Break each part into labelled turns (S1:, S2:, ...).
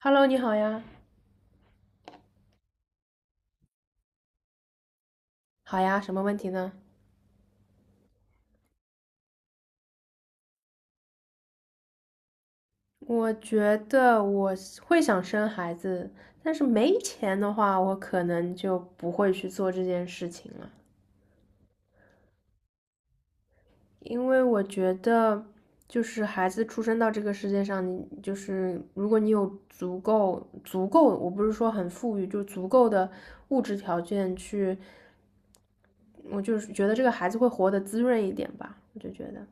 S1: Hello，你好呀，好呀，什么问题呢？我觉得我是会想生孩子，但是没钱的话，我可能就不会去做这件事情了，因为我觉得，就是孩子出生到这个世界上，你就是如果你有足够，我不是说很富裕，就足够的物质条件去，我就是觉得这个孩子会活得滋润一点吧，我就觉得。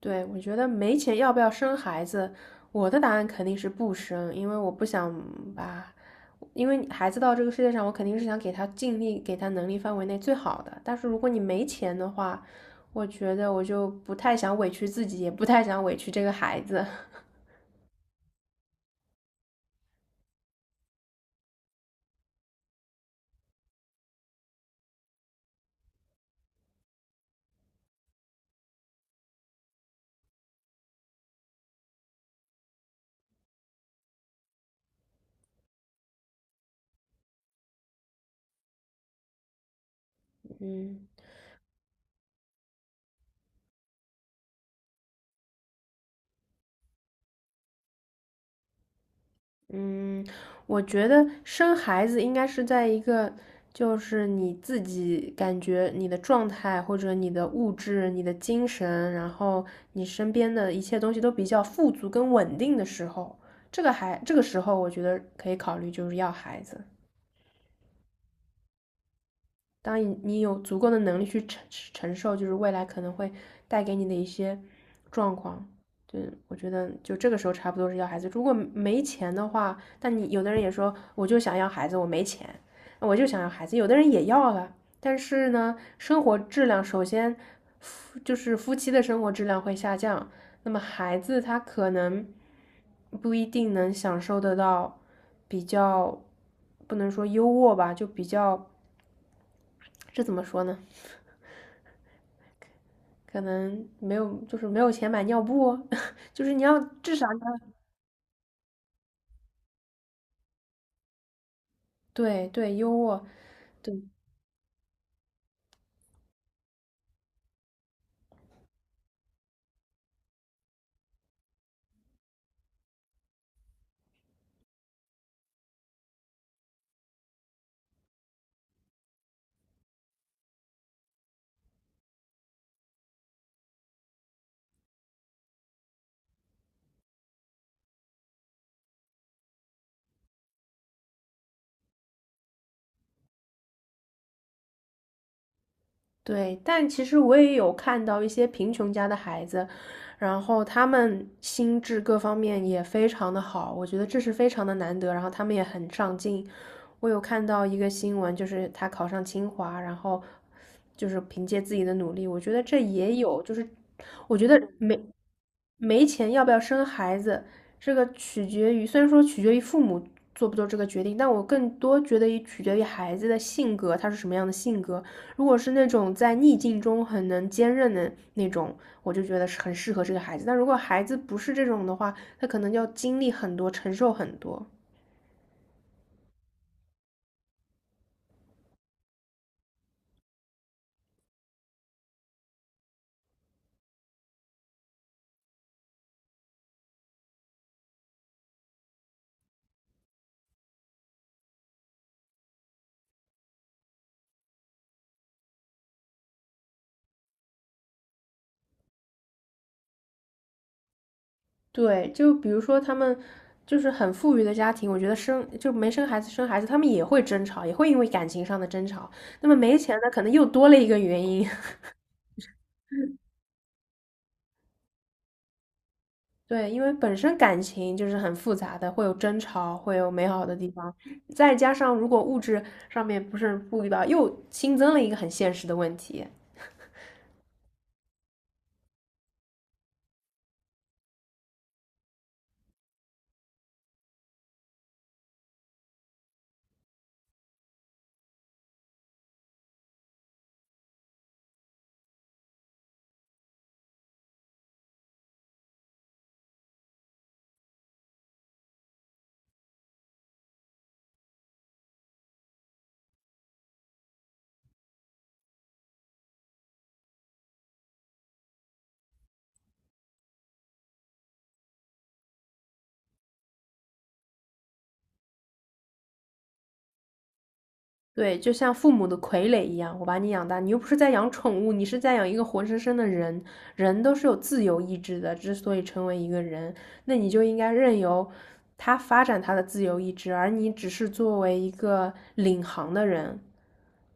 S1: 对，我觉得没钱要不要生孩子，我的答案肯定是不生，因为我不想把，因为孩子到这个世界上，我肯定是想给他尽力，给他能力范围内最好的。但是如果你没钱的话，我觉得我就不太想委屈自己，也不太想委屈这个孩子。嗯，嗯，我觉得生孩子应该是在一个，就是你自己感觉你的状态或者你的物质、你的精神，然后你身边的一切东西都比较富足跟稳定的时候，这个还这个时候，我觉得可以考虑就是要孩子。当你有足够的能力去承受，就是未来可能会带给你的一些状况。对，我觉得就这个时候差不多是要孩子。如果没钱的话，但你有的人也说，我就想要孩子，我没钱，我就想要孩子。有的人也要了，但是呢，生活质量首先就是夫妻的生活质量会下降，那么孩子他可能不一定能享受得到比较，不能说优渥吧，就比较这怎么说呢？可能没有，就是没有钱买尿布哦，就是你要至少你要对对优渥，对对。但其实我也有看到一些贫穷家的孩子，然后他们心智各方面也非常的好，我觉得这是非常的难得。然后他们也很上进，我有看到一个新闻，就是他考上清华，然后就是凭借自己的努力，我觉得这也有，就是我觉得没钱要不要生孩子，这个取决于，虽然说取决于父母做不做这个决定，但我更多觉得也取决于孩子的性格，他是什么样的性格。如果是那种在逆境中很能坚韧的那种，我就觉得是很适合这个孩子。但如果孩子不是这种的话，他可能要经历很多，承受很多。对，就比如说他们就是很富裕的家庭，我觉得生就没生孩子生孩子，他们也会争吵，也会因为感情上的争吵。那么没钱的可能又多了一个原因。对，因为本身感情就是很复杂的，会有争吵，会有美好的地方，再加上如果物质上面不是富裕吧，又新增了一个很现实的问题。对，就像父母的傀儡一样，我把你养大，你又不是在养宠物，你是在养一个活生生的人。人都是有自由意志的，之所以成为一个人，那你就应该任由他发展他的自由意志，而你只是作为一个领航的人，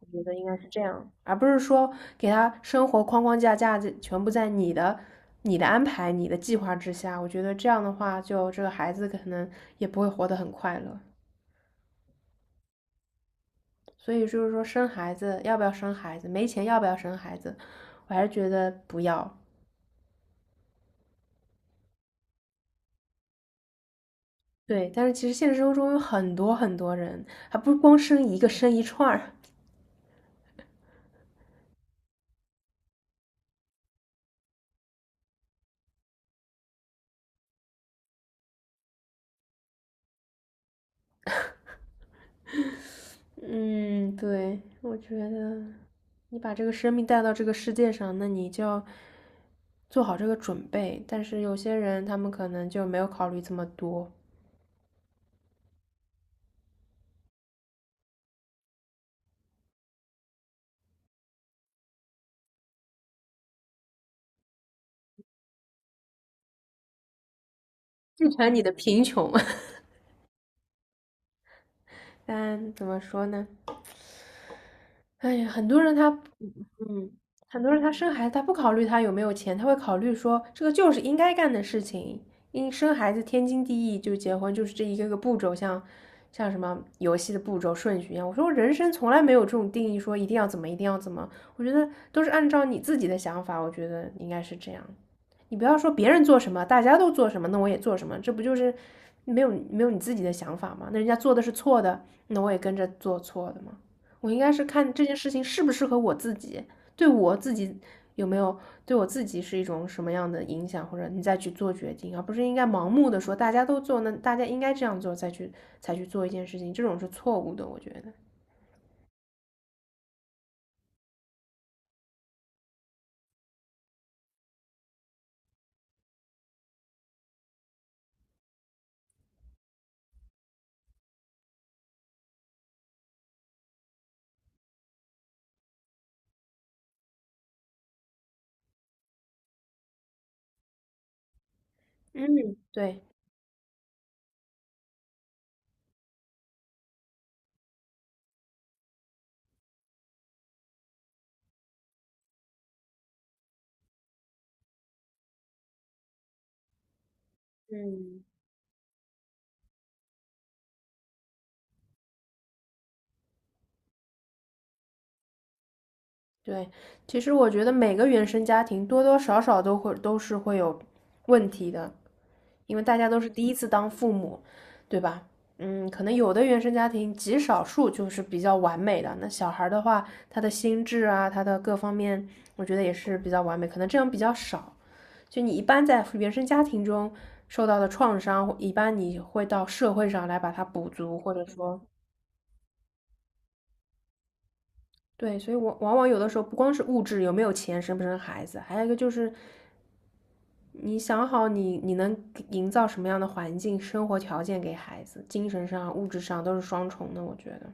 S1: 我觉得应该是这样，而不是说给他生活框架在全部在你的、你的安排、你的计划之下。我觉得这样的话，就这个孩子可能也不会活得很快乐。所以就是说生孩子要不要生孩子，没钱要不要生孩子，我还是觉得不要。对，但是其实现实生活中有很多很多人，还不是光生一个，生一串儿。嗯，对，我觉得你把这个生命带到这个世界上，那你就要做好这个准备。但是有些人他们可能就没有考虑这么多，继承你的贫穷。但怎么说呢？哎呀，很多人他，嗯，很多人他生孩子，他不考虑他有没有钱，他会考虑说这个就是应该干的事情，因生孩子天经地义，就结婚就是这一个个步骤，像什么游戏的步骤顺序一样。我说我人生从来没有这种定义，说一定要怎么一定要怎么，我觉得都是按照你自己的想法，我觉得应该是这样。你不要说别人做什么，大家都做什么，那我也做什么，这不就是没有你自己的想法吗？那人家做的是错的，那我也跟着做错的吗？我应该是看这件事情适不适合我自己，对我自己有没有对我自己是一种什么样的影响，或者你再去做决定，而不是应该盲目的说大家都做，那大家应该这样做再去才去做一件事情，这种是错误的，我觉得。嗯对嗯对，其实我觉得每个原生家庭多多少少都是会有问题的，因为大家都是第一次当父母，对吧？嗯，可能有的原生家庭极少数就是比较完美的，那小孩儿的话，他的心智啊，他的各方面，我觉得也是比较完美，可能这样比较少。就你一般在原生家庭中受到的创伤，一般你会到社会上来把它补足，或者说，对，所以我往往有的时候不光是物质有没有钱，生不生孩子，还有一个就是你想好你能营造什么样的环境、生活条件给孩子，精神上、物质上都是双重的，我觉得。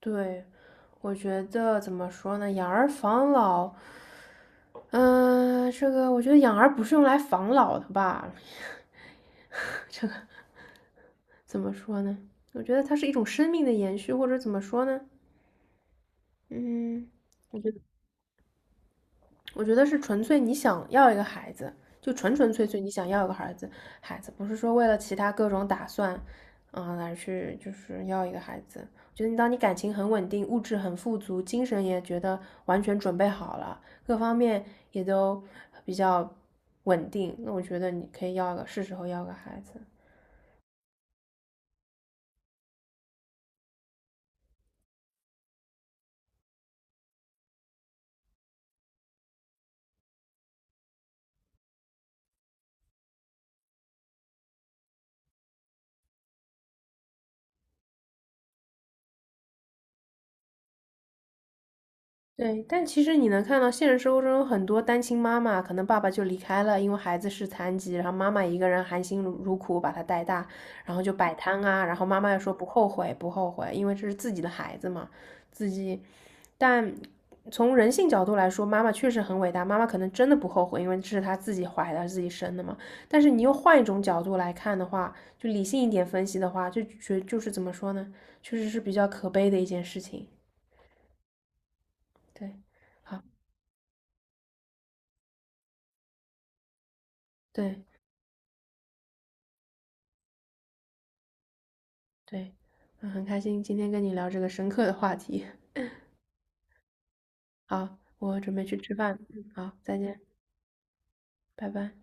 S1: 对，我觉得怎么说呢？养儿防老，嗯、呃这个我觉得养儿不是用来防老的吧？怎么说呢？我觉得它是一种生命的延续，或者怎么说呢？嗯，我觉得。我觉得是纯粹你想要一个孩子，就纯粹你想要一个孩子，孩子不是说为了其他各种打算，嗯，而去就是要一个孩子。我觉得你当你感情很稳定，物质很富足，精神也觉得完全准备好了，各方面也都比较稳定，那我觉得你可以要一个，是时候要个孩子。对，但其实你能看到现实生活中有很多单亲妈妈，可能爸爸就离开了，因为孩子是残疾，然后妈妈一个人含辛茹苦把他带大，然后就摆摊啊，然后妈妈又说不后悔，不后悔，因为这是自己的孩子嘛，自己。但从人性角度来说，妈妈确实很伟大，妈妈可能真的不后悔，因为这是她自己怀的，自己生的嘛。但是你又换一种角度来看的话，就理性一点分析的话，就就是怎么说呢，确实是比较可悲的一件事情。对，好，对。对，嗯，很开心今天跟你聊这个深刻的话题。好，我准备去吃饭。嗯，好，再见，拜拜。